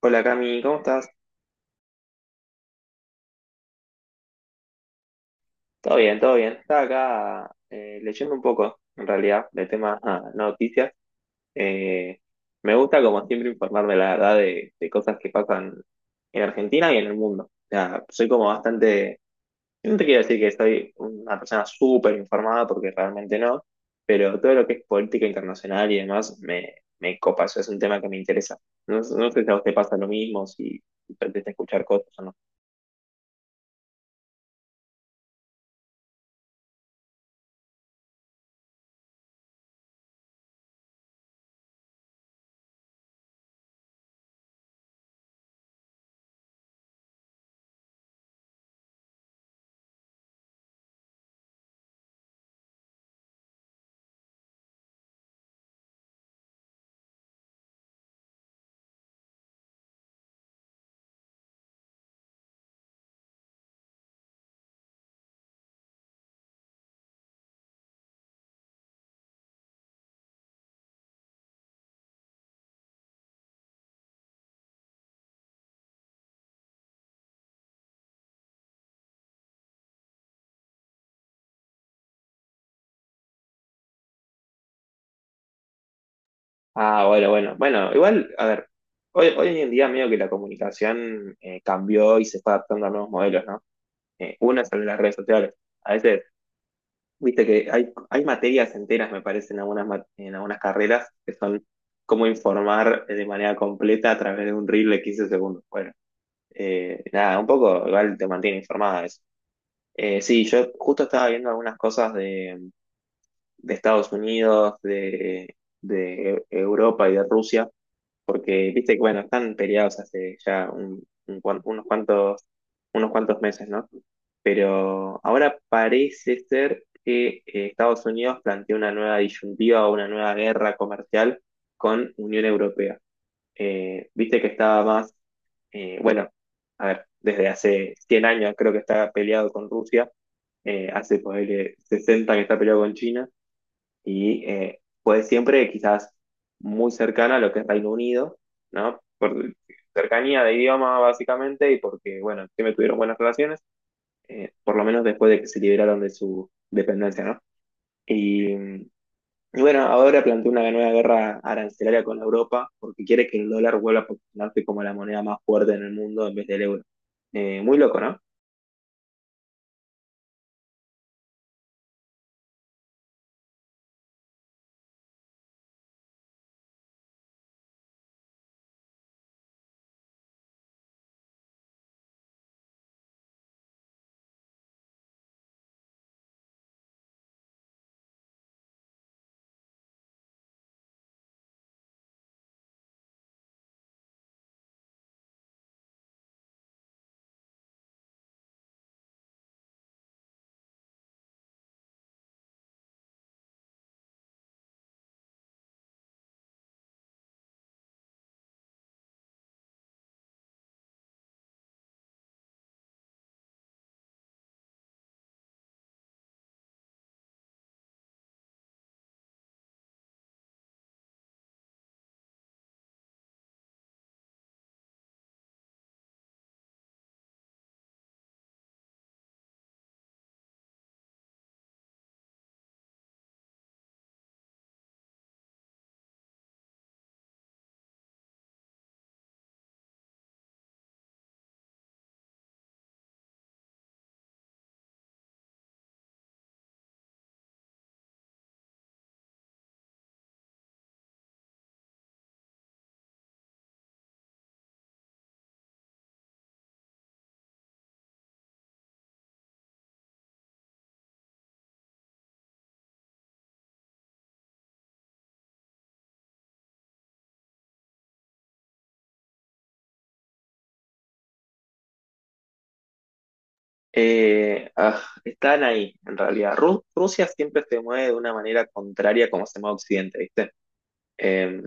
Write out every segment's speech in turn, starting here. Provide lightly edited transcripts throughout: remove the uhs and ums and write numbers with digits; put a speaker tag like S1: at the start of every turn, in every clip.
S1: Hola Cami, ¿cómo estás? Todo bien, todo bien. Estaba acá leyendo un poco, en realidad, de temas noticias. Eh, me gusta, como siempre, informarme, la verdad, de cosas que pasan en Argentina y en el mundo. O sea, soy como bastante... No te quiero decir que soy una persona súper informada, porque realmente no, pero todo lo que es política internacional y demás me copa. Eso es un tema que me interesa. No, no sé si a usted pasa lo mismo, si pretende escuchar cosas o no. Ah, bueno, bueno. Bueno, igual, a ver, hoy en día medio que la comunicación cambió y se fue adaptando a nuevos modelos, ¿no? Una es el de las redes sociales. A veces, viste que hay materias enteras, me parece, en algunas, en algunas carreras que son cómo informar de manera completa a través de un reel de 15 segundos. Bueno, nada, un poco igual te mantiene informada eso. Sí, yo justo estaba viendo algunas cosas de Estados Unidos, de Europa y de Rusia porque viste que bueno, están peleados hace ya unos unos cuantos meses, ¿no? Pero ahora parece ser que Estados Unidos plantea una nueva disyuntiva o una nueva guerra comercial con Unión Europea. Viste que estaba más, bueno, a ver, desde hace 100 años creo que está peleado con Rusia, hace pues, 60 que está peleado con China y fue siempre quizás muy cercana a lo que es Reino Unido, ¿no? Por cercanía de idioma básicamente y porque, bueno, siempre tuvieron buenas relaciones, por lo menos después de que se liberaron de su dependencia, ¿no? Y, mm, y bueno, ahora plantea una nueva guerra arancelaria con Europa porque quiere que el dólar vuelva a posicionarse como la moneda más fuerte en el mundo en vez del euro. Muy loco, ¿no? Están ahí, en realidad. Rusia siempre se mueve de una manera contraria como se mueve Occidente, ¿viste? Eh,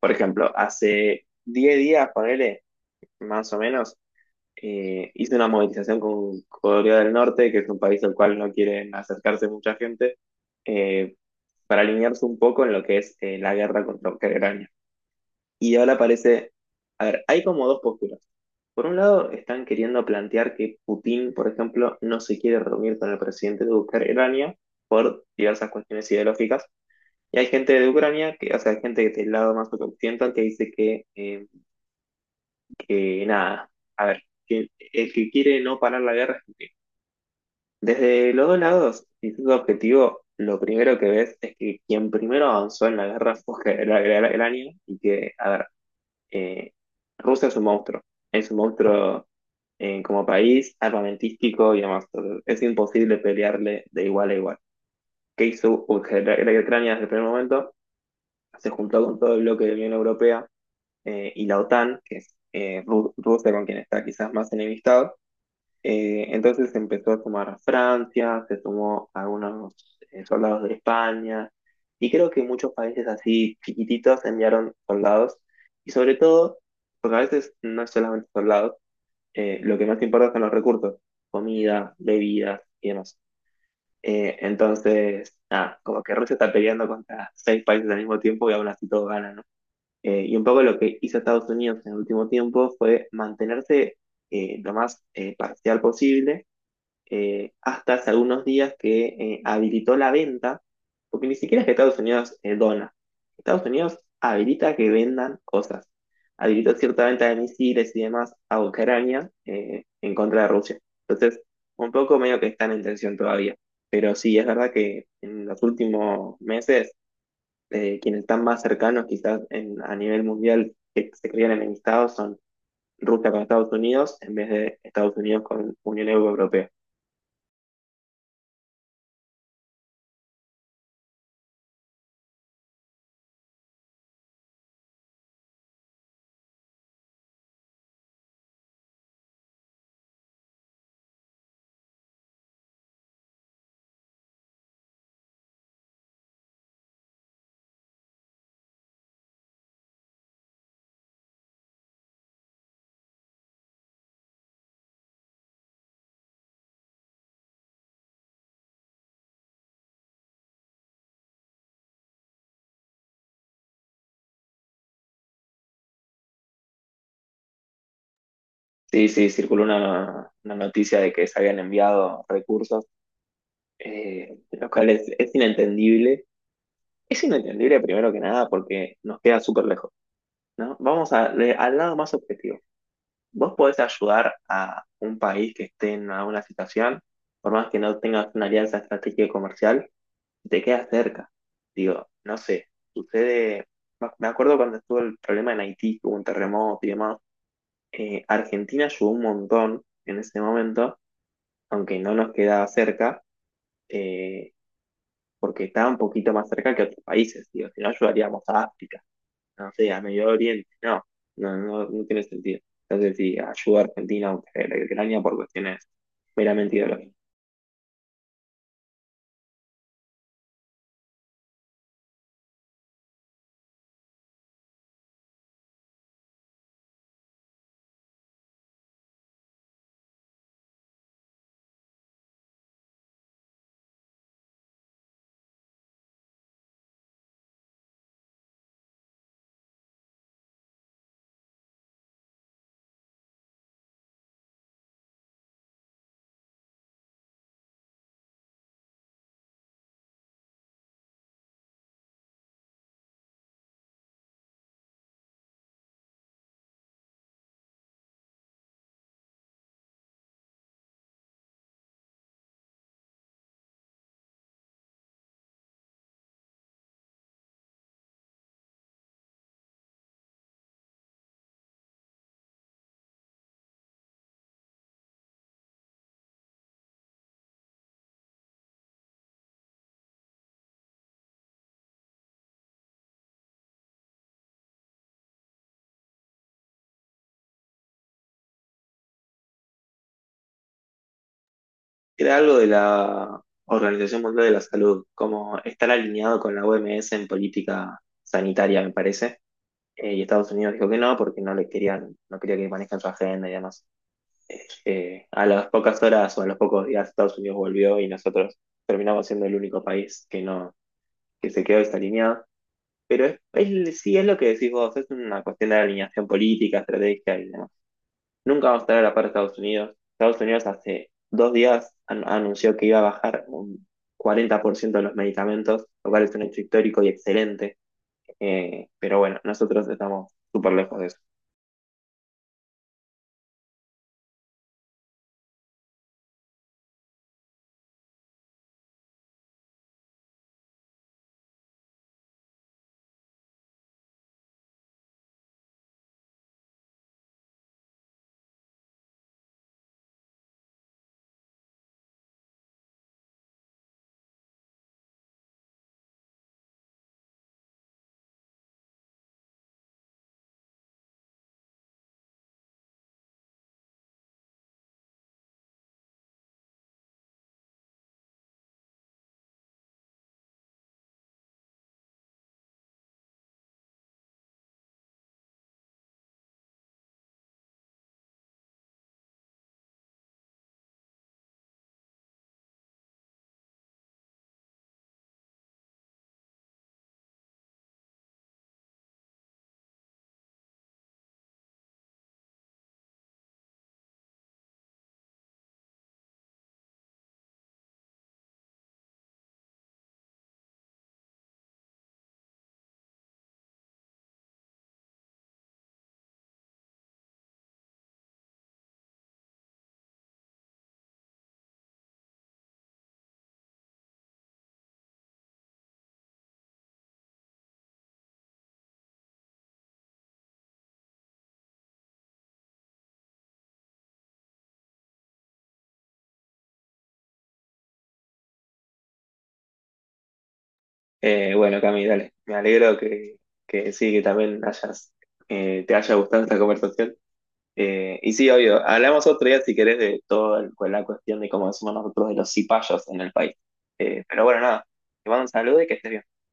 S1: por ejemplo, hace 10 días, ponele, más o menos, hice una movilización con Corea del Norte, que es un país al cual no quieren acercarse mucha gente, eh, para alinearse un poco en lo que es la guerra contra Ucrania. Y ahora parece, a ver, hay como dos posturas. Por un lado, están queriendo plantear que Putin, por ejemplo, no se quiere reunir con el presidente de Ucrania por diversas cuestiones ideológicas. Y hay gente de Ucrania, que, o sea, hay gente del lado más occidental que dice que nada, a ver, que el que quiere no parar la guerra es Putin. Desde los dos lados, si es tu objetivo, lo primero que ves es que quien primero avanzó en la guerra fue Ucrania y que, a ver, eh, Rusia es un monstruo como país, armamentístico y demás. Entonces, es imposible pelearle de igual a igual. ¿Qué hizo Ucrania desde el primer momento? Se juntó con todo el bloque de la Unión Europea y la OTAN, que es Rusia con quien está quizás más enemistado. Entonces empezó a sumar a Francia, se sumó a algunos soldados de España, y creo que muchos países así chiquititos enviaron soldados, y sobre todo, porque a veces no es solamente soldados, lo que más importa son los recursos, comida, bebidas y demás. Entonces, nada, como que Rusia está peleando contra 6 países al mismo tiempo y aún así todos ganan, y un poco lo que hizo Estados Unidos en el último tiempo fue mantenerse lo más parcial posible hasta hace algunos días que habilitó la venta, porque ni siquiera es que Estados Unidos dona. Estados Unidos habilita que vendan cosas. Habilitó cierta venta de misiles y demás a Ucrania en contra de Rusia. Entonces, un poco medio que están en tensión todavía. Pero sí, es verdad que en los últimos meses quienes están más cercanos quizás a nivel mundial que se crean enemistados son Rusia con Estados Unidos en vez de Estados Unidos con Unión Europea. Sí, circuló una noticia de que se habían enviado recursos, lo cual es inentendible. Es inentendible primero que nada porque nos queda súper lejos, ¿no? Al lado más objetivo. Vos podés ayudar a un país que esté en una situación, por más que no tengas una alianza estratégica y comercial, y te queda cerca. Digo, no sé, sucede, me acuerdo cuando estuvo el problema en Haití, que hubo un terremoto y demás, Argentina ayudó un montón en ese momento, aunque no nos quedaba cerca, eh, porque estaba un poquito más cerca que otros países, digo, si no ayudaríamos a África, no sé, a Medio Oriente, no, no tiene sentido. Entonces, si ayuda a Argentina, aunque la Ucrania por cuestiones meramente ideológicas. Era algo de la Organización Mundial de la Salud, como estar alineado con la OMS en política sanitaria, me parece. Y Estados Unidos dijo que no, porque no le querían, no quería que manejen su agenda y demás. A las pocas horas o a los pocos días, Estados Unidos volvió y nosotros terminamos siendo el único país que no, que se quedó desalineado. Pero sí es lo que decís vos, es una cuestión de alineación política, estrategia y demás. Nunca vamos a estar a la par de Estados Unidos. Estados Unidos hace dos días anunció que iba a bajar un 40% de los medicamentos, lo cual es un hecho histórico y excelente. Pero bueno, nosotros estamos súper lejos de eso. Bueno, Cami, dale. Me alegro que sí, que también te haya gustado esta conversación. Y sí, obvio, hablamos otro día si querés de toda la cuestión de cómo decimos nosotros de los cipayos en el país. Pero bueno, nada, te mando un saludo y que estés bien.